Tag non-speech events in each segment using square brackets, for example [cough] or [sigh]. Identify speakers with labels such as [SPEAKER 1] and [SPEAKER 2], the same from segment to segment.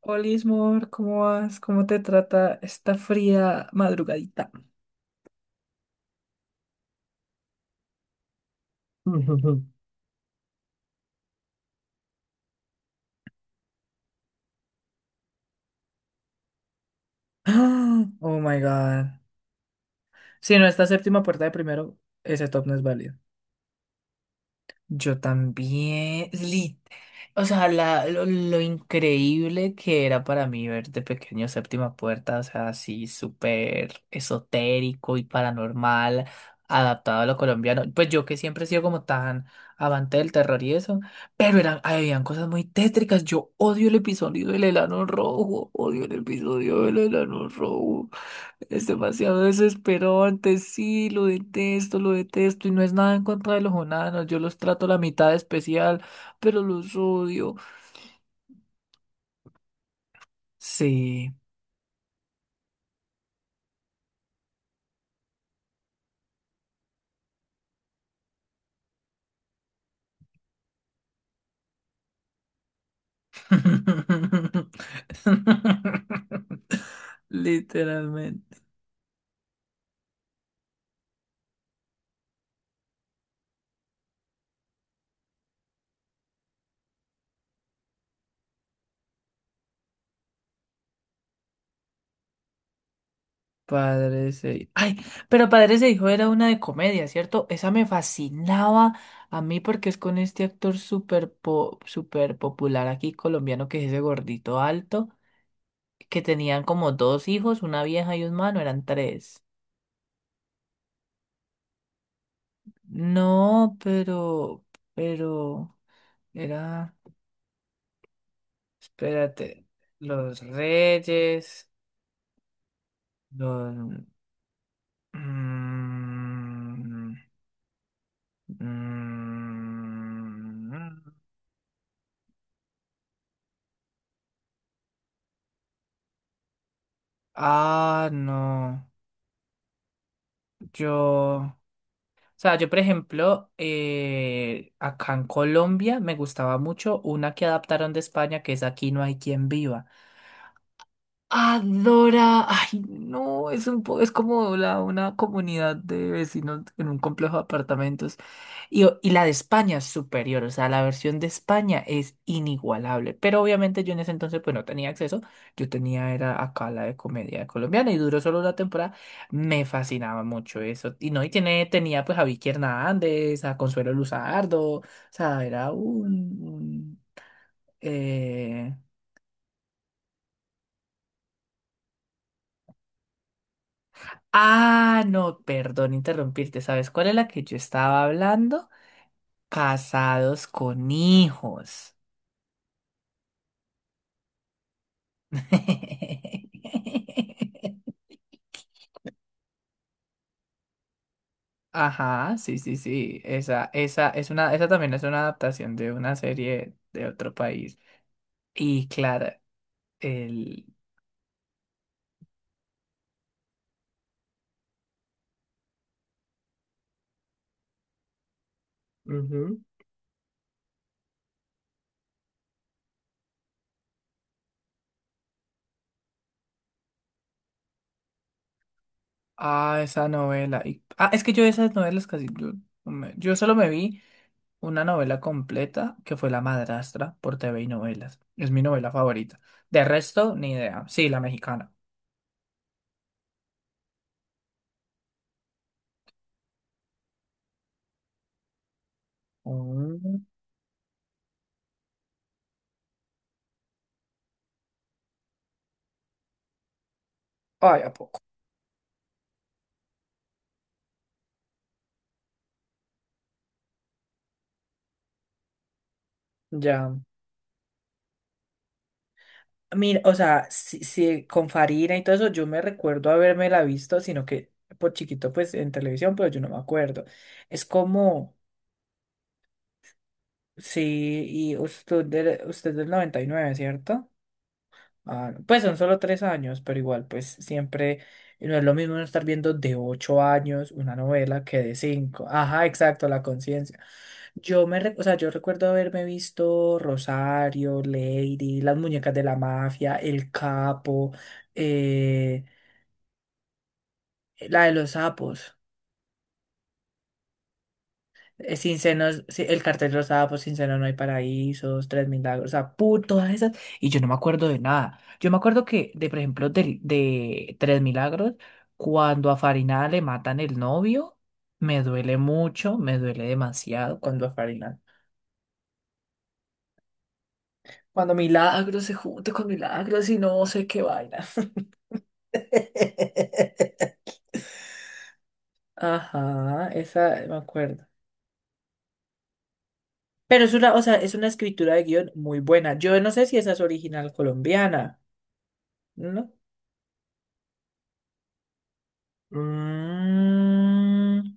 [SPEAKER 1] Hola, Ismor, ¿cómo vas? ¿Cómo te trata esta fría madrugadita? [gasps] [laughs] Ah, oh my God. Si no, esta séptima puerta de primero, ese top no es válido. Yo también, lo increíble que era para mí ver de pequeño Séptima Puerta, o sea, así súper esotérico y paranormal, adaptado a lo colombiano. Pues yo que siempre he sido como tan avante del terror y eso, pero habían cosas muy tétricas. Yo odio el episodio del enano rojo, odio el episodio del enano rojo. Es demasiado desesperante, sí, lo detesto y no es nada en contra de los onanos, yo los trato la mitad de especial, pero los odio. Sí. [laughs] Literalmente. Padres ese hijo. Ay, pero padres ese hijo era una de comedia, ¿cierto? Esa me fascinaba a mí porque es con este actor súper popular aquí colombiano que es ese gordito alto. Que tenían como dos hijos, una vieja y un mano, eran tres. No, pero, era, espérate, los reyes, los... mm, mm, ah, no, yo... o sea, yo, por ejemplo, acá en Colombia me gustaba mucho una que adaptaron de España, que es Aquí no hay quien viva. Adora, ay no, es es como una comunidad de vecinos en un complejo de apartamentos. Y, y la de España es superior, o sea, la versión de España es inigualable. Pero obviamente yo en ese entonces pues no tenía acceso, yo tenía era acá la de comedia colombiana y duró solo una temporada. Me fascinaba mucho eso. Y no, y tenía pues a Vicky Hernández, a Consuelo Luzardo, o sea, eh, ah, no, perdón interrumpirte. ¿Sabes cuál es la que yo estaba hablando? Casados con hijos. [laughs] Ajá, sí, sí, sí. Esa es una, esa también es una adaptación de una serie de otro país. Y claro, el, ah, esa novela. Ah, es que yo esas novelas casi... Yo solo me vi una novela completa que fue La Madrastra por TV y Novelas. Es mi novela favorita. De resto, ni idea. Sí, la mexicana. Mm, ay, ¿a poco? Ya. Mira, o sea, si con Farina y todo eso, yo me recuerdo haberme la visto, sino que por chiquito, pues en televisión, pero yo no me acuerdo. Es como, sí, y usted del noventa y nueve, ¿cierto? Ah, no, pues son solo tres años, pero igual, pues siempre no es lo mismo uno estar viendo de ocho años una novela que de cinco. Ajá, exacto, la conciencia. O sea, yo recuerdo haberme visto Rosario, Lady, Las muñecas de la mafia, El Capo, eh, la de los sapos. Sin senos, sí, el cartel rosado, pues sin senos no hay paraísos, tres milagros, o sea, todas esas. Y yo no me acuerdo de nada. Yo me acuerdo que, de por ejemplo, tres milagros, cuando a Farina le matan el novio, me duele mucho, me duele demasiado cuando a Farina cuando Milagros se junte con Milagros y no sé qué vaina. [laughs] Ajá, esa me acuerdo. Pero es una, o sea, es una escritura de guión muy buena. Yo no sé si esa es original colombiana. No. Mm,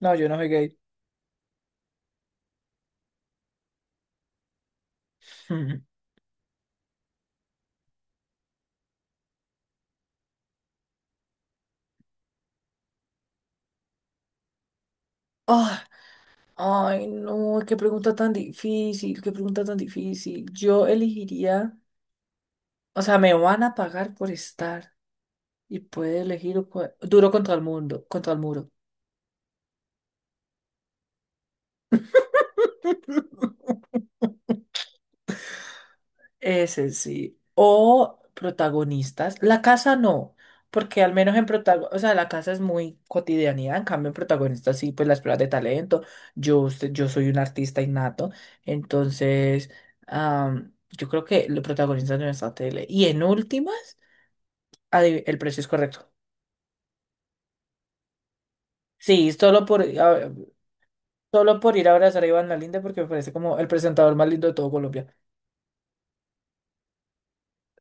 [SPEAKER 1] no, yo no soy gay. [laughs] Ah, ay, no, qué pregunta tan difícil, qué pregunta tan difícil. Yo elegiría, o sea, me van a pagar por estar y puede elegir duro contra el mundo, contra el muro. [laughs] Ese sí. O protagonistas. La casa no, porque al menos en protagonistas, o sea, la casa es muy cotidianidad, en cambio en protagonistas sí, pues las pruebas de talento. Yo soy un artista innato, entonces yo creo que los protagonistas de nuestra tele. Y en últimas, el precio es correcto. Sí, solo por ir a abrazar a Iván Lalinda porque me parece como el presentador más lindo de todo Colombia.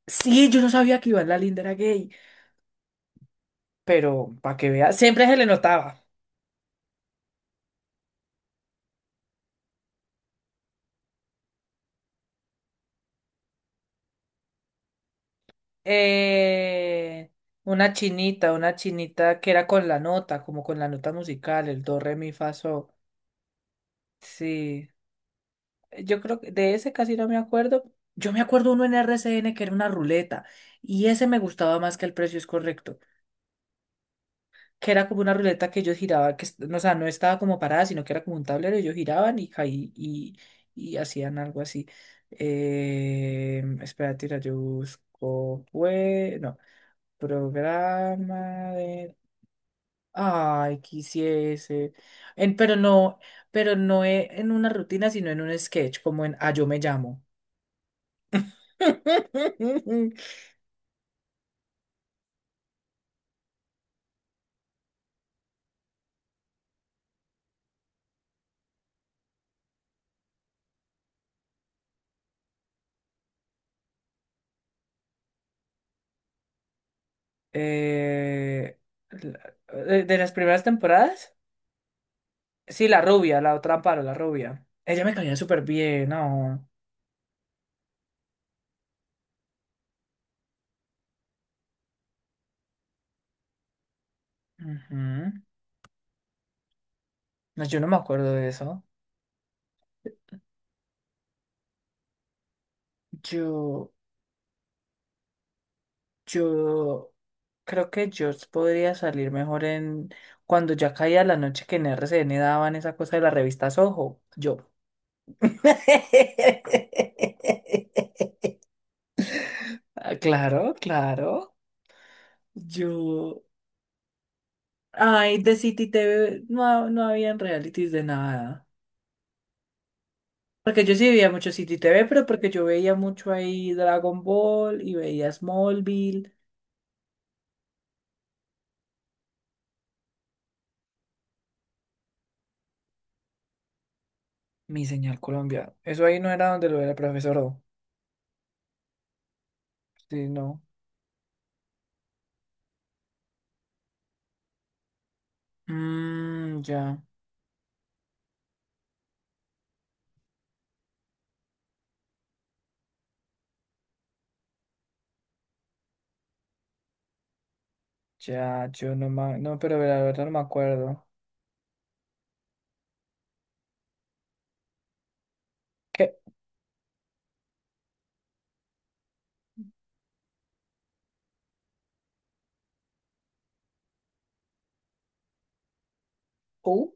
[SPEAKER 1] Sí, yo no sabía que Iván Lalinda era gay, pero para que veas, siempre se le notaba. Eh, una chinita que era con la nota, como con la nota musical, el do, re, mi, fa, sol. Sí, yo creo que de ese casi no me acuerdo. Yo me acuerdo uno en R C N que era una ruleta y ese me gustaba más que el precio es correcto, que era como una ruleta que ellos giraban, no, o sea, no estaba como parada, sino que era como un tablero, ellos giraban y y hacían algo así. Espera, tira, yo busco, pues, no. Programa, ay, quisiese. Pero no, pero no e- en una rutina, sino en un sketch, como en ah, yo me llamo. [laughs] Eh, la- de las primeras temporadas. Sí, la rubia, la otra Amparo, la rubia. Ella me caía súper bien, no. Ujú. No, yo no me acuerdo de eso. Yo, yo creo que yo podría salir mejor en cuando ya caía la noche que en R C N daban esa cosa de la revista Soho. Yo. [laughs] Ah, claro, claro. Yo. Ay, de City TV no, no habían realities de nada. Porque yo sí veía mucho City TV, pero porque yo veía mucho ahí Dragon Ball y veía Smallville. Mi señal Colombia. Eso ahí no era donde lo era el profesor. O. Sí, no. Mmm, ya. Ya, yo no me. No, pero la verdad no me acuerdo. ¿Qué? ¿Uh?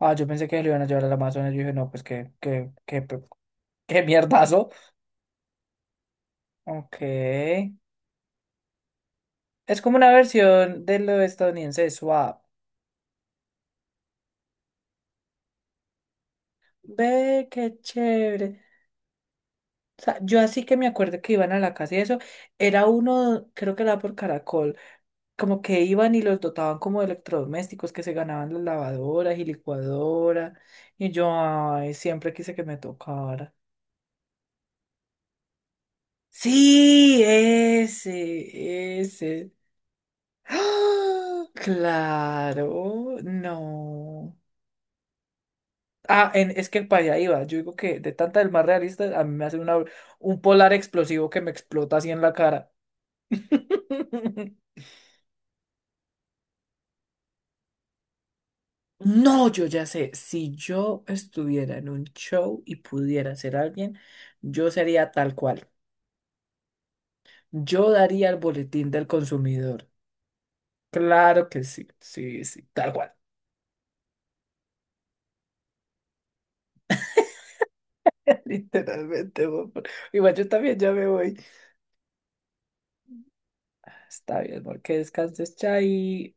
[SPEAKER 1] Ah, yo pensé que lo iban a llevar al Amazonas. Yo dije, no, pues qué mierdazo. Ok. Es como una versión de lo estadounidense de Swap. Ve, qué chévere. O sea, yo así que me acuerdo que iban a la casa y eso. Era uno, creo que era por Caracol. Como que iban y los dotaban como de electrodomésticos que se ganaban las lavadoras y licuadoras. Y yo, ay, siempre quise que me tocara. Sí, ese. ¡Ah! Claro, no. Ah, es que para allá iba. Yo digo que de tanta del más realista, a mí me hace un polar explosivo que me explota así en la cara. [laughs] No, yo ya sé, si yo estuviera en un show y pudiera ser alguien, yo sería tal cual. Yo daría el boletín del consumidor. Claro que sí, sí, sí, tal cual. [laughs] Literalmente, amor. Igual yo también ya me voy. Está bien, amor, que descanses, chai.